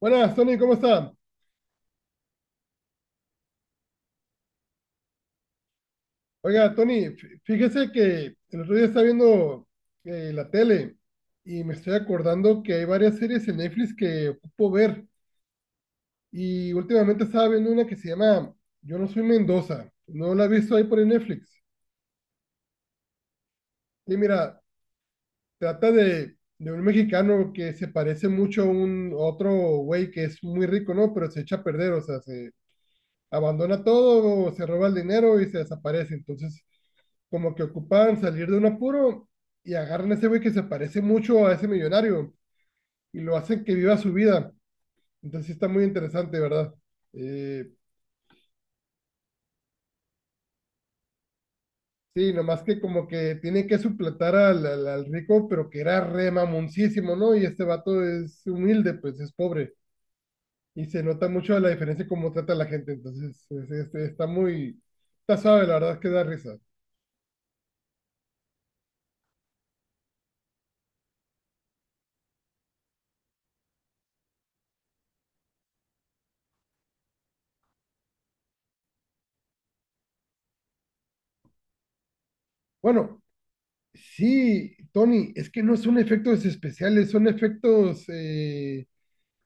Buenas, Tony, ¿cómo está? Oiga, Tony, fíjese que el otro día estaba viendo la tele y me estoy acordando que hay varias series en Netflix que ocupo ver. Y últimamente estaba viendo una que se llama Yo no soy Mendoza. No la he visto ahí por el Netflix. Y mira, trata de un mexicano que se parece mucho a un a otro güey que es muy rico, ¿no? Pero se echa a perder, o sea, se abandona todo, se roba el dinero y se desaparece. Entonces como que ocupan salir de un apuro y agarran a ese güey que se parece mucho a ese millonario y lo hacen que viva su vida. Entonces sí está muy interesante, ¿verdad? Eh, sí, nomás que como que tiene que suplantar al rico, pero que era re mamoncísimo, ¿no? Y este vato es humilde, pues es pobre. Y se nota mucho la diferencia en cómo trata a la gente. Entonces está muy... Está suave, la verdad es que da risa. Bueno, sí, Tony, es que no son efectos especiales, son efectos...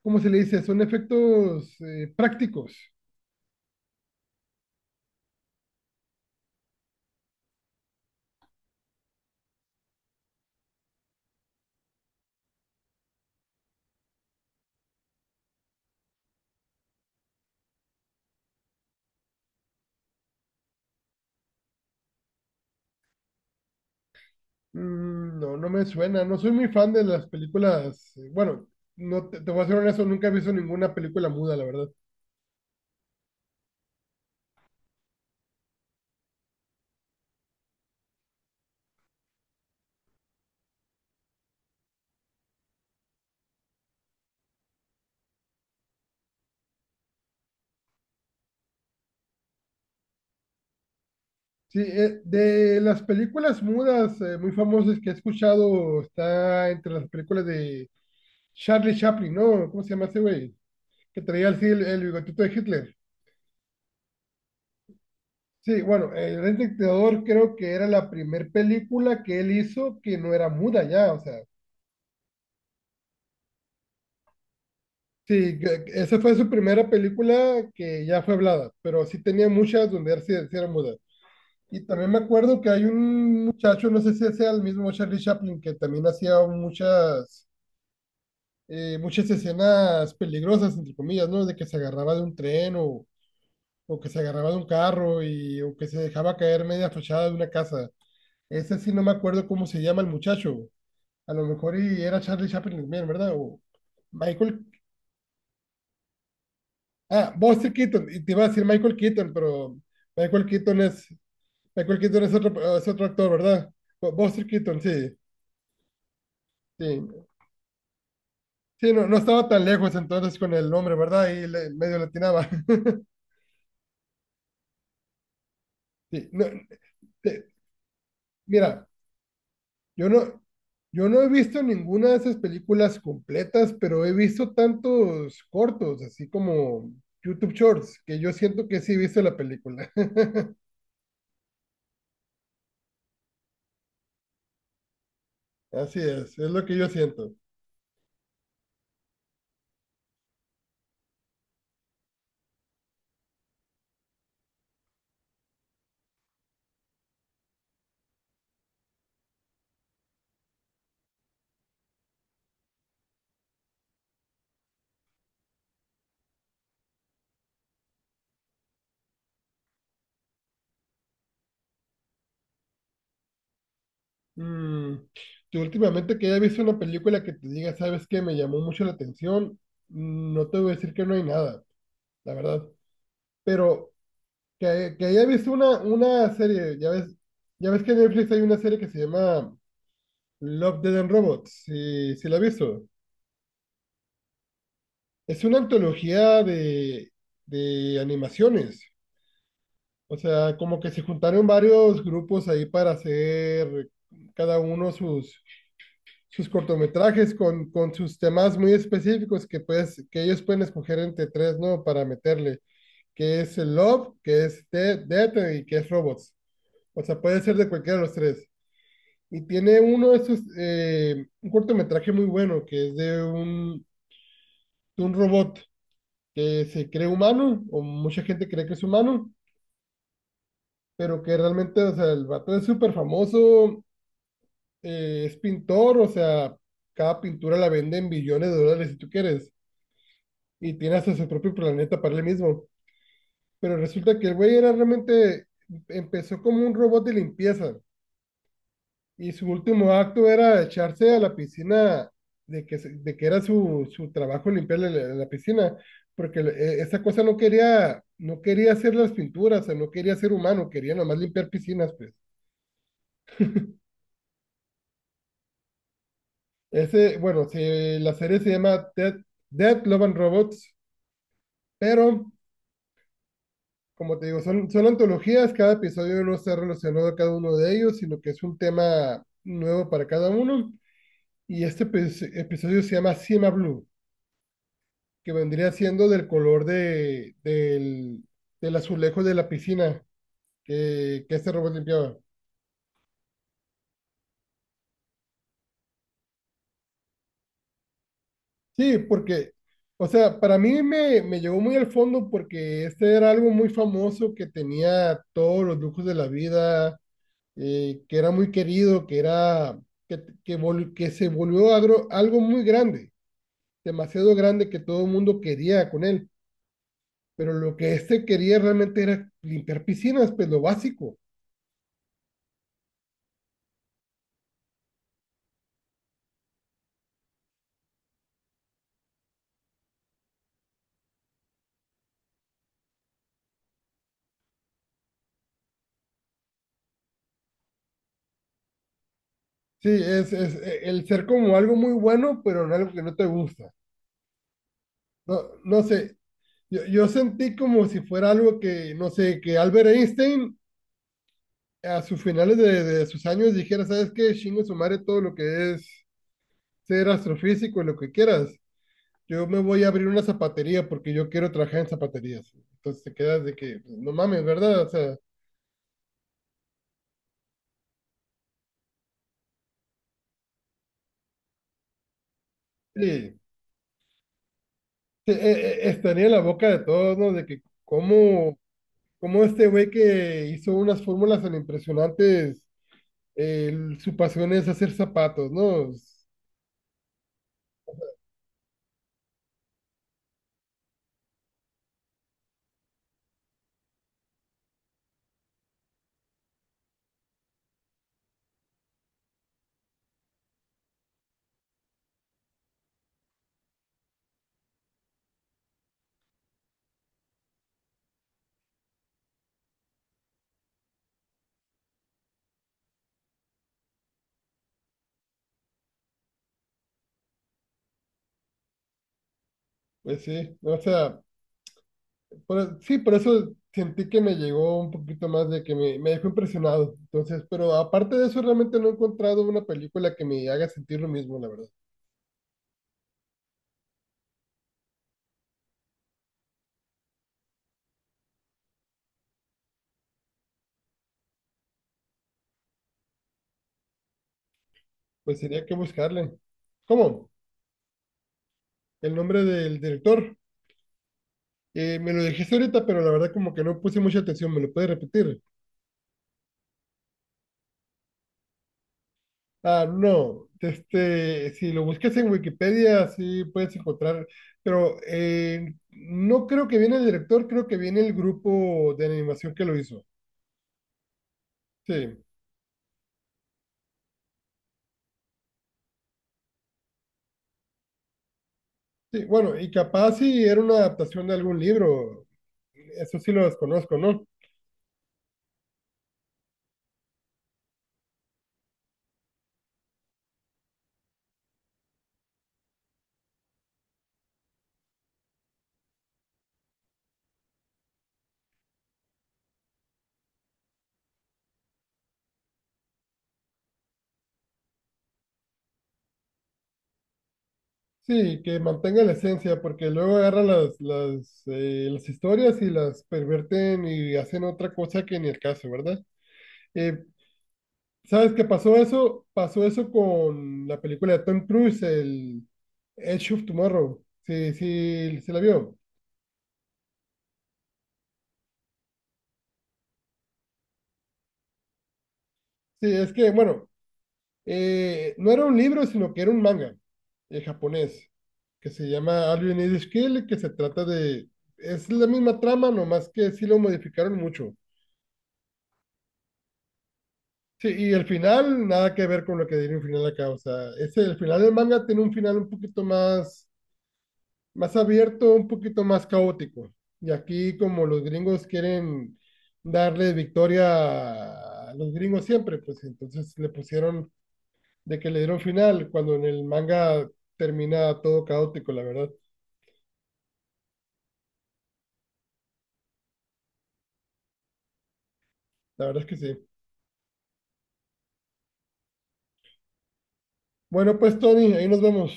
¿cómo se le dice? Son efectos prácticos. Mm, no, no me suena. No soy muy fan de las películas. Bueno, no te, te voy a ser honesto, nunca he visto ninguna película muda, la verdad. Sí, de las películas mudas muy famosas que he escuchado, está entre las películas de Charlie Chaplin, ¿no? ¿Cómo se llama ese güey? Que traía así el bigotito de Hitler. Sí, bueno, El Gran Dictador creo que era la primer película que él hizo que no era muda ya, o sea, sí, que esa fue su primera película que ya fue hablada, pero sí tenía muchas donde él sí era muda. Y también me acuerdo que hay un muchacho, no sé si sea el mismo Charlie Chaplin, que también hacía muchas escenas peligrosas, entre comillas, ¿no? De que se agarraba de un tren o que se agarraba de un carro y, o que se dejaba caer media fachada de una casa. Ese sí no me acuerdo cómo se llama el muchacho. A lo mejor y era Charlie Chaplin también, ¿verdad? O Michael... Ah, Buster Keaton, y te iba a decir Michael Keaton, pero Michael Keaton es, Michael Keaton es otro actor, ¿verdad? Buster Keaton, sí, sí. Sí, no, no estaba tan lejos entonces con el nombre, ¿verdad? Y medio latinaba. Sí, no, te- mira, yo no, yo no he visto ninguna de esas películas completas, pero he visto tantos cortos, así como YouTube Shorts, que yo siento que sí he visto la película. Así es lo que yo siento. Mm, yo últimamente que haya visto una película que te diga, sabes que me llamó mucho la atención, mm, no te voy a decir que no hay nada, la verdad. Pero que haya visto una serie, ya ves que en Netflix hay una serie que se llama Love, Dead and Robots, si la has visto. Es una antología de animaciones. O sea, como que se juntaron varios grupos ahí para hacer cada uno sus cortometrajes con sus temas muy específicos que, pues, que ellos pueden escoger entre tres, ¿no? Para meterle, que es el Love, que es Death y que es Robots. O sea, puede ser de cualquiera de los tres. Y tiene uno de esos, un cortometraje muy bueno, que es de de un robot que se cree humano, o mucha gente cree que es humano, pero que realmente, o sea, el vato es súper famoso, es pintor, o sea, cada pintura la vende en billones de dólares si tú quieres y tiene hasta su propio planeta para él mismo. Pero resulta que el güey era realmente, empezó como un robot de limpieza y su último acto era echarse a la piscina de que, de que era su trabajo limpiarle la piscina, porque esa cosa no quería, no quería hacer las pinturas, o sea, no quería ser humano, quería nomás limpiar piscinas, pues. Ese, bueno, la serie se llama Dead Love and Robots, pero como te digo, son antologías, cada episodio no está relacionado a cada uno de ellos, sino que es un tema nuevo para cada uno. Y este pues, episodio se llama Cima Blue, que vendría siendo del color del azulejo de la piscina que este robot limpiaba. Sí, porque, o sea, para mí me llegó muy al fondo porque este era algo muy famoso que tenía todos los lujos de la vida, que era muy querido, que era que se volvió algo muy grande, demasiado grande que todo el mundo quería con él. Pero lo que este quería realmente era limpiar piscinas, pues lo básico. Sí, es el ser como algo muy bueno, pero en algo que no te gusta. No, no sé, yo sentí como si fuera algo que, no sé, que Albert Einstein a sus finales de sus años dijera, ¿sabes qué? Chingo su madre todo lo que es ser astrofísico, y lo que quieras. Yo me voy a abrir una zapatería porque yo quiero trabajar en zapaterías. Entonces te quedas de que, pues, no mames, ¿verdad? O sea, sí, sí, estaría en la boca de todos, ¿no? De que cómo, cómo este güey que hizo unas fórmulas tan impresionantes, su pasión es hacer zapatos, ¿no? Pues sí, o sea, sí, por eso sentí que me llegó un poquito más de que me dejó impresionado. Entonces, pero aparte de eso, realmente no he encontrado una película que me haga sentir lo mismo, la verdad. Pues sería que buscarle. ¿Cómo? El nombre del director. Me lo dijiste ahorita, pero la verdad como que no puse mucha atención. ¿Me lo puedes repetir? Ah, no. Este, si lo buscas en Wikipedia, sí puedes encontrar. Pero no creo que viene el director, creo que viene el grupo de animación que lo hizo. Sí, sí. Bueno, y capaz si era una adaptación de algún libro. Eso sí lo desconozco, ¿no? Sí, que mantenga la esencia, porque luego agarran las historias y las perverten y hacen otra cosa que ni el caso, ¿verdad? Eh, ¿Sabes qué pasó eso? Pasó eso con la película de Tom Cruise, el Edge of Tomorrow. Sí, sí, se la vio. Sí, es que, bueno, no era un libro, sino que era un manga japonés, que se llama All You Need Is Kill, que se trata de... Es la misma trama, nomás que sí lo modificaron mucho. Sí, y el final, nada que ver con lo que diría un final acá. O sea, ese, el final del manga tiene un final un poquito más, más abierto, un poquito más caótico. Y aquí, como los gringos quieren darle victoria a los gringos siempre, pues entonces le pusieron de que le dieron final, cuando en el manga termina todo caótico, la verdad. La verdad es que sí. Bueno, pues Tony, ahí nos vemos.